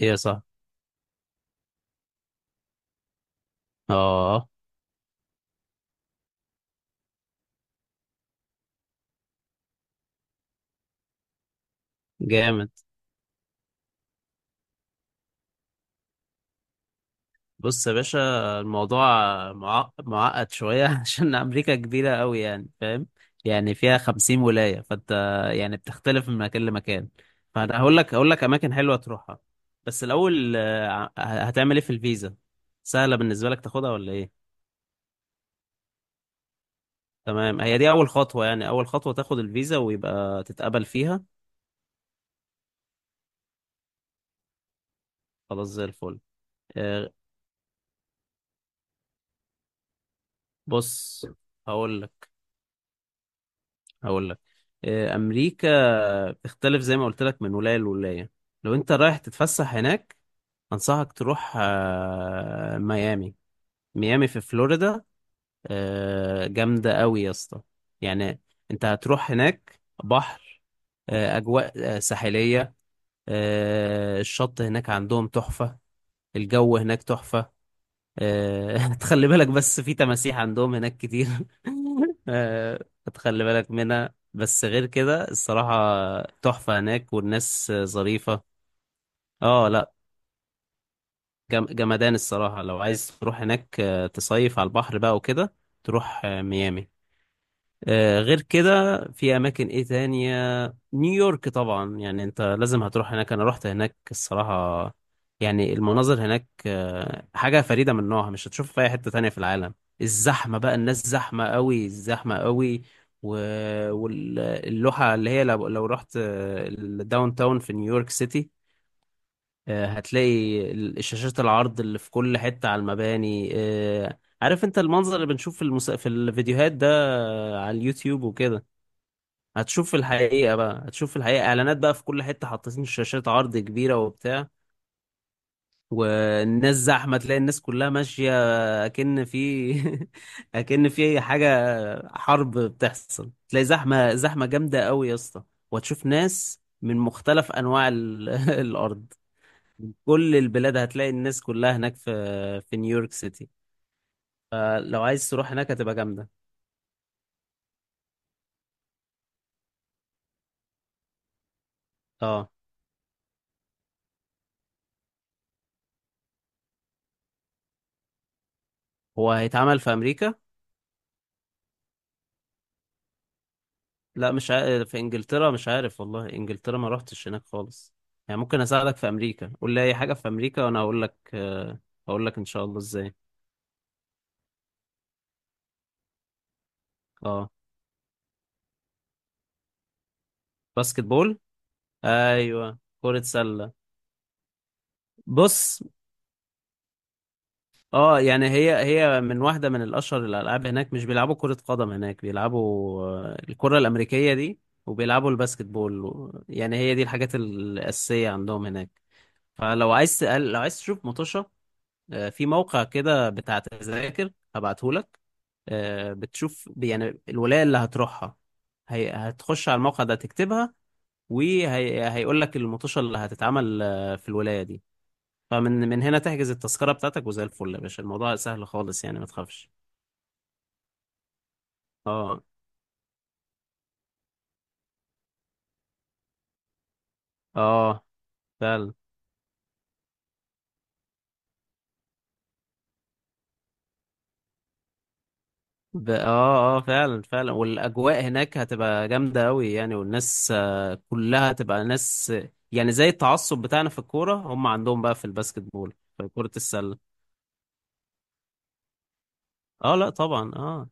هي صح. اه. جامد. بص يا باشا، الموضوع معقد شوية عشان أمريكا كبيرة أوي، يعني فاهم، يعني فيها 50 ولاية، فأنت يعني بتختلف من مكان لمكان. فأنا هقول لك أماكن حلوة تروحها. بس الأول، هتعمل إيه في الفيزا؟ سهلة بالنسبة لك تاخدها ولا إيه؟ تمام، هي دي أول خطوة، يعني أول خطوة تاخد الفيزا ويبقى تتقبل فيها. خلاص، زي الفل. آه، بص، هقول هقول لك. امريكا بتختلف زي ما قلت لك من ولايه لولايه. لو انت رايح تتفسح هناك، انصحك تروح ميامي. ميامي في فلوريدا. جامده قوي يا اسطى. يعني انت هتروح هناك بحر، اجواء ساحليه. الشط هناك عندهم تحفه، الجو هناك تحفه. تخلي بالك بس، في تماسيح عندهم هناك كتير. آه، تخلي بالك منها، بس غير كده الصراحة تحفة هناك، والناس ظريفة. اه لا. جمدان الصراحة. لو عايز تروح هناك تصيف على البحر بقى وكده، تروح ميامي. غير كده في اماكن ايه تانية؟ نيويورك طبعا، يعني انت لازم هتروح هناك. انا رحت هناك الصراحة، يعني المناظر هناك حاجة فريدة من نوعها، مش هتشوفها في اي حتة تانية في العالم. الزحمة بقى، الناس زحمة قوي زحمة قوي. واللوحة اللي هي لو رحت الداون تاون في نيويورك سيتي، هتلاقي شاشات العرض اللي في كل حتة على المباني. عارف انت المنظر اللي بنشوف في في الفيديوهات ده، على اليوتيوب وكده. هتشوف في الحقيقة بقى، هتشوف في الحقيقة اعلانات بقى في كل حتة، حاطين شاشات عرض كبيرة وبتاع. والناس زحمة، تلاقي الناس كلها ماشية اكن في... اكن في حاجة حرب بتحصل. تلاقي زحمة زحمة جامدة قوي يا اسطى. وهتشوف ناس من مختلف انواع الارض، كل البلاد. هتلاقي الناس كلها هناك في نيويورك سيتي. فلو عايز تروح هناك هتبقى جامدة. اه، هو هيتعمل في امريكا؟ لا مش عارف، في انجلترا مش عارف والله. انجلترا ما رحتش هناك خالص. يعني ممكن اساعدك في امريكا، قول لي اي حاجه في امريكا وانا اقول لك ان شاء الله ازاي. اه، باسكت بول. ايوه، كره سله. بص، اه يعني هي هي من واحده من الاشهر الالعاب هناك. مش بيلعبوا كره قدم هناك، بيلعبوا الكره الامريكيه دي. وبيلعبوا الباسكت بول يعني هي دي الحاجات الاساسيه عندهم هناك. فلو عايز تقل... لو عايز تشوف مطوشه، في موقع كده بتاع تذاكر هبعتهولك. بتشوف يعني الولاية اللي هتروحها، هي هتخش على الموقع ده تكتبها، وهيقول لك المطوشة اللي هتتعمل في الولاية دي. فمن هنا تحجز التذكرة بتاعتك، وزي الفل يا باشا. الموضوع سهل خالص يعني، ما تخافش. اه اه فعلا اه اه فعلا فعلا. والاجواء هناك هتبقى جامده قوي يعني، والناس كلها هتبقى ناس، يعني زي التعصب بتاعنا في الكوره، هم عندهم بقى في الباسكت بول في كره السله. اه لا طبعا، اه.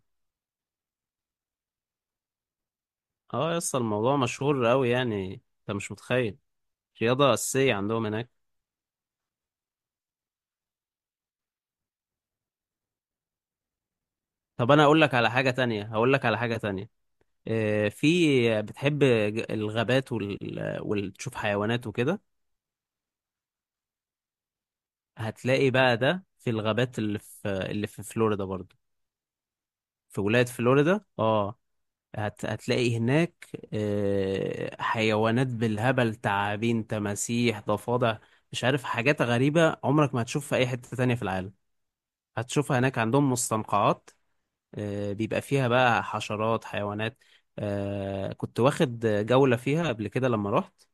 اه يا اسطى، الموضوع مشهور قوي يعني، انت مش متخيل. رياضه اساسيه عندهم هناك. طب انا اقول لك على حاجه تانية هقول لك على حاجه تانية. في بتحب الغابات وتشوف حيوانات وكده؟ هتلاقي بقى ده في الغابات اللي في فلوريدا برضه. في ولاية فلوريدا اه. هتلاقي هناك حيوانات بالهبل: تعابين، تماسيح، ضفادع، مش عارف. حاجات غريبة عمرك ما هتشوفها في أي حتة تانية في العالم، هتشوفها هناك. عندهم مستنقعات بيبقى فيها بقى حشرات، حيوانات. كنت واخد جولة فيها قبل كده لما رحت.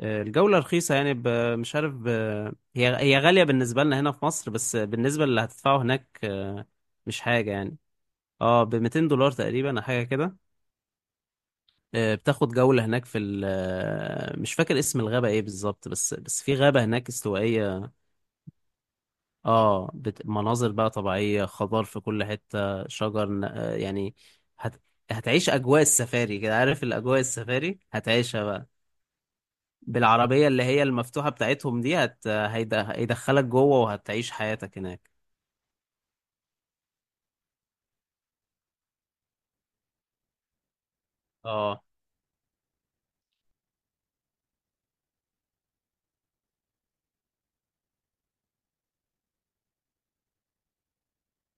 الجولة رخيصة يعني ب... مش عارف ب... هي هي غالية بالنسبة لنا هنا في مصر، بس بالنسبة للي هتدفعه هناك مش حاجة يعني. اه، ب 200 دولار تقريبا أو حاجة كده. بتاخد جولة هناك في ال مش فاكر اسم الغابة ايه بالظبط، بس في غابة هناك استوائية. اه مناظر بقى طبيعية، خضار في كل حتة، شجر، يعني هت... هتعيش أجواء السفاري كده. عارف الأجواء السفاري هتعيشها بقى، بالعربية اللي هي المفتوحة بتاعتهم دي. هيدخلك جوه وهتعيش حياتك هناك. اه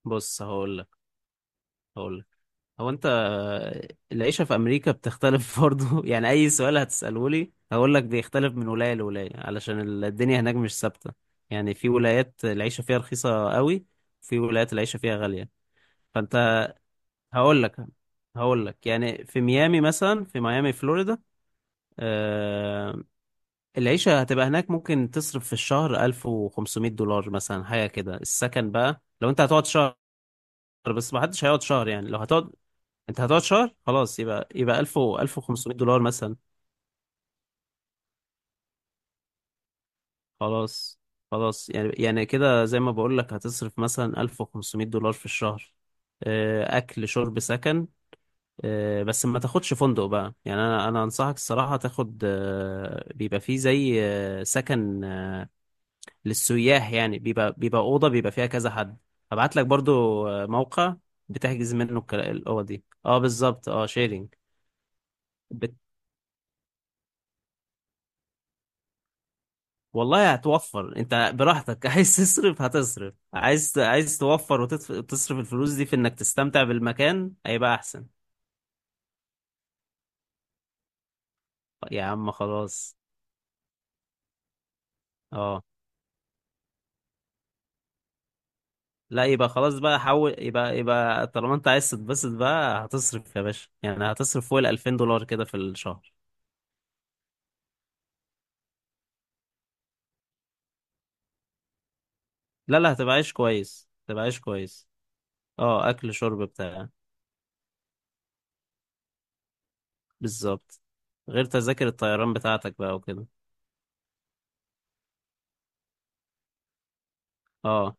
بص، هقولك. هو انت، العيشة في امريكا بتختلف برضو. يعني اي سؤال هتسأله لي هقول لك بيختلف من ولاية لولاية، علشان الدنيا هناك مش ثابتة. يعني في ولايات العيشة فيها رخيصة قوي، في ولايات العيشة فيها غالية. فانت، هقول لك هقول لك يعني في ميامي مثلا. في ميامي فلوريدا، آه، العيشة هتبقى هناك، ممكن تصرف في الشهر 1500 دولار مثلا، حاجة كده. السكن بقى لو انت هتقعد شهر، بس ما حدش هيقعد شهر. يعني لو هتقعد، انت هتقعد شهر خلاص، يبقى 1000 و 1500 دولار مثلا. خلاص خلاص، يعني كده زي ما بقول لك، هتصرف مثلا 1500 دولار في الشهر. اكل، شرب، سكن. بس ما تاخدش فندق بقى، يعني انا انصحك الصراحة تاخد بيبقى فيه زي سكن للسياح. يعني بيبقى أوضة بيبقى فيها كذا حد. هبعت لك برضو موقع بتحجز منه الأوض دي. اه بالظبط، اه، شيرنج. والله هتوفر انت براحتك عايز تصرف هتصرف، عايز توفر وتصرف الفلوس دي في انك تستمتع بالمكان، هيبقى احسن. طيب يا عم، خلاص. اه لا، يبقى خلاص بقى، حول يبقى، طالما انت عايز تتبسط بقى هتصرف يا باشا، يعني هتصرف فوق ال 2000 دولار كده في الشهر. لا لا، هتبقى عايش كويس، هتبقى عايش كويس. اه، اكل، شرب، بتاع. بالظبط، غير تذاكر الطيران بتاعتك بقى وكده. اه،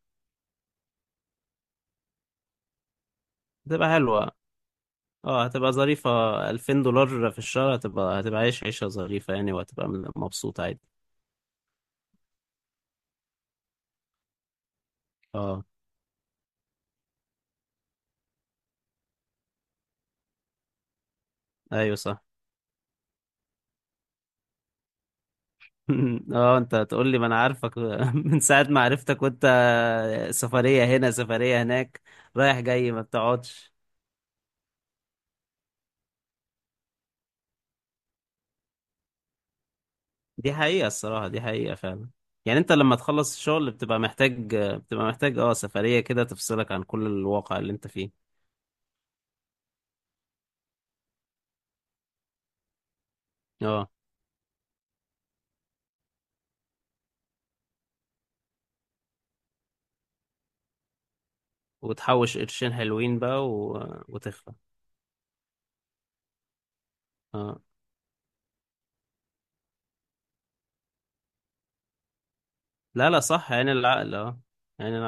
تبقى حلوة. اه، هتبقى ظريفة. 2000 دولار في الشهر هتبقى عايش عيشة ظريفة يعني، وهتبقى مبسوط عادي. اه ايوه صح. اه انت هتقول لي، ما انا عارفك. من ساعة ما عرفتك وانت سفرية هنا سفرية هناك، رايح جاي، ما بتقعدش. دي حقيقة فعلا. يعني انت لما تخلص الشغل بتبقى محتاج اه، سفرية كده تفصلك عن كل الواقع اللي انت فيه. اه، وتحوش قرشين حلوين بقى وتخلى. اه لا لا، صح، يعني العقل. اه يعني،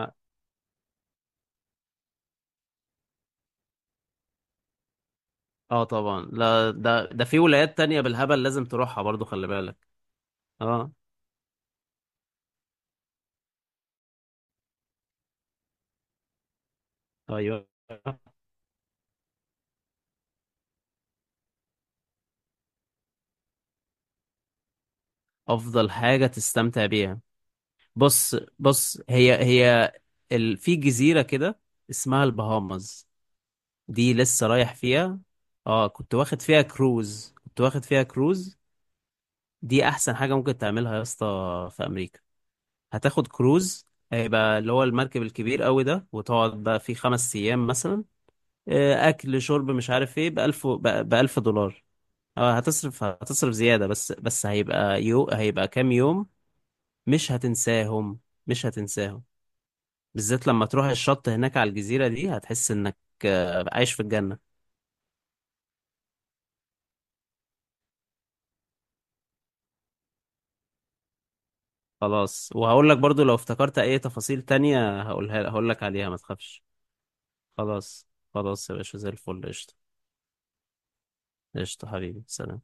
اه طبعا. لا ده في ولايات تانية بالهبل لازم تروحها برضو، خلي بالك. اه ايوه، افضل حاجة تستمتع بيها. بص بص، هي هي في جزيرة كده اسمها البهامز، دي لسه رايح فيها. اه كنت واخد فيها كروز، دي احسن حاجة ممكن تعملها يا اسطى في امريكا. هتاخد كروز، هيبقى اللي هو المركب الكبير قوي ده، وتقعد بقى فيه 5 ايام مثلا. اكل، شرب، مش عارف ايه، بـ1000 دولار. اه هتصرف، زيادة بس، هيبقى هيبقى كام يوم. مش هتنساهم، مش هتنساهم. بالذات لما تروح الشط هناك على الجزيرة دي، هتحس انك عايش في الجنة. خلاص، وهقول لك برضو لو افتكرت اي تفاصيل تانية هقول لك عليها، ما تخافش. خلاص، خلاص يا باشا، زي الفل. قشطة، قشطة حبيبي، سلام.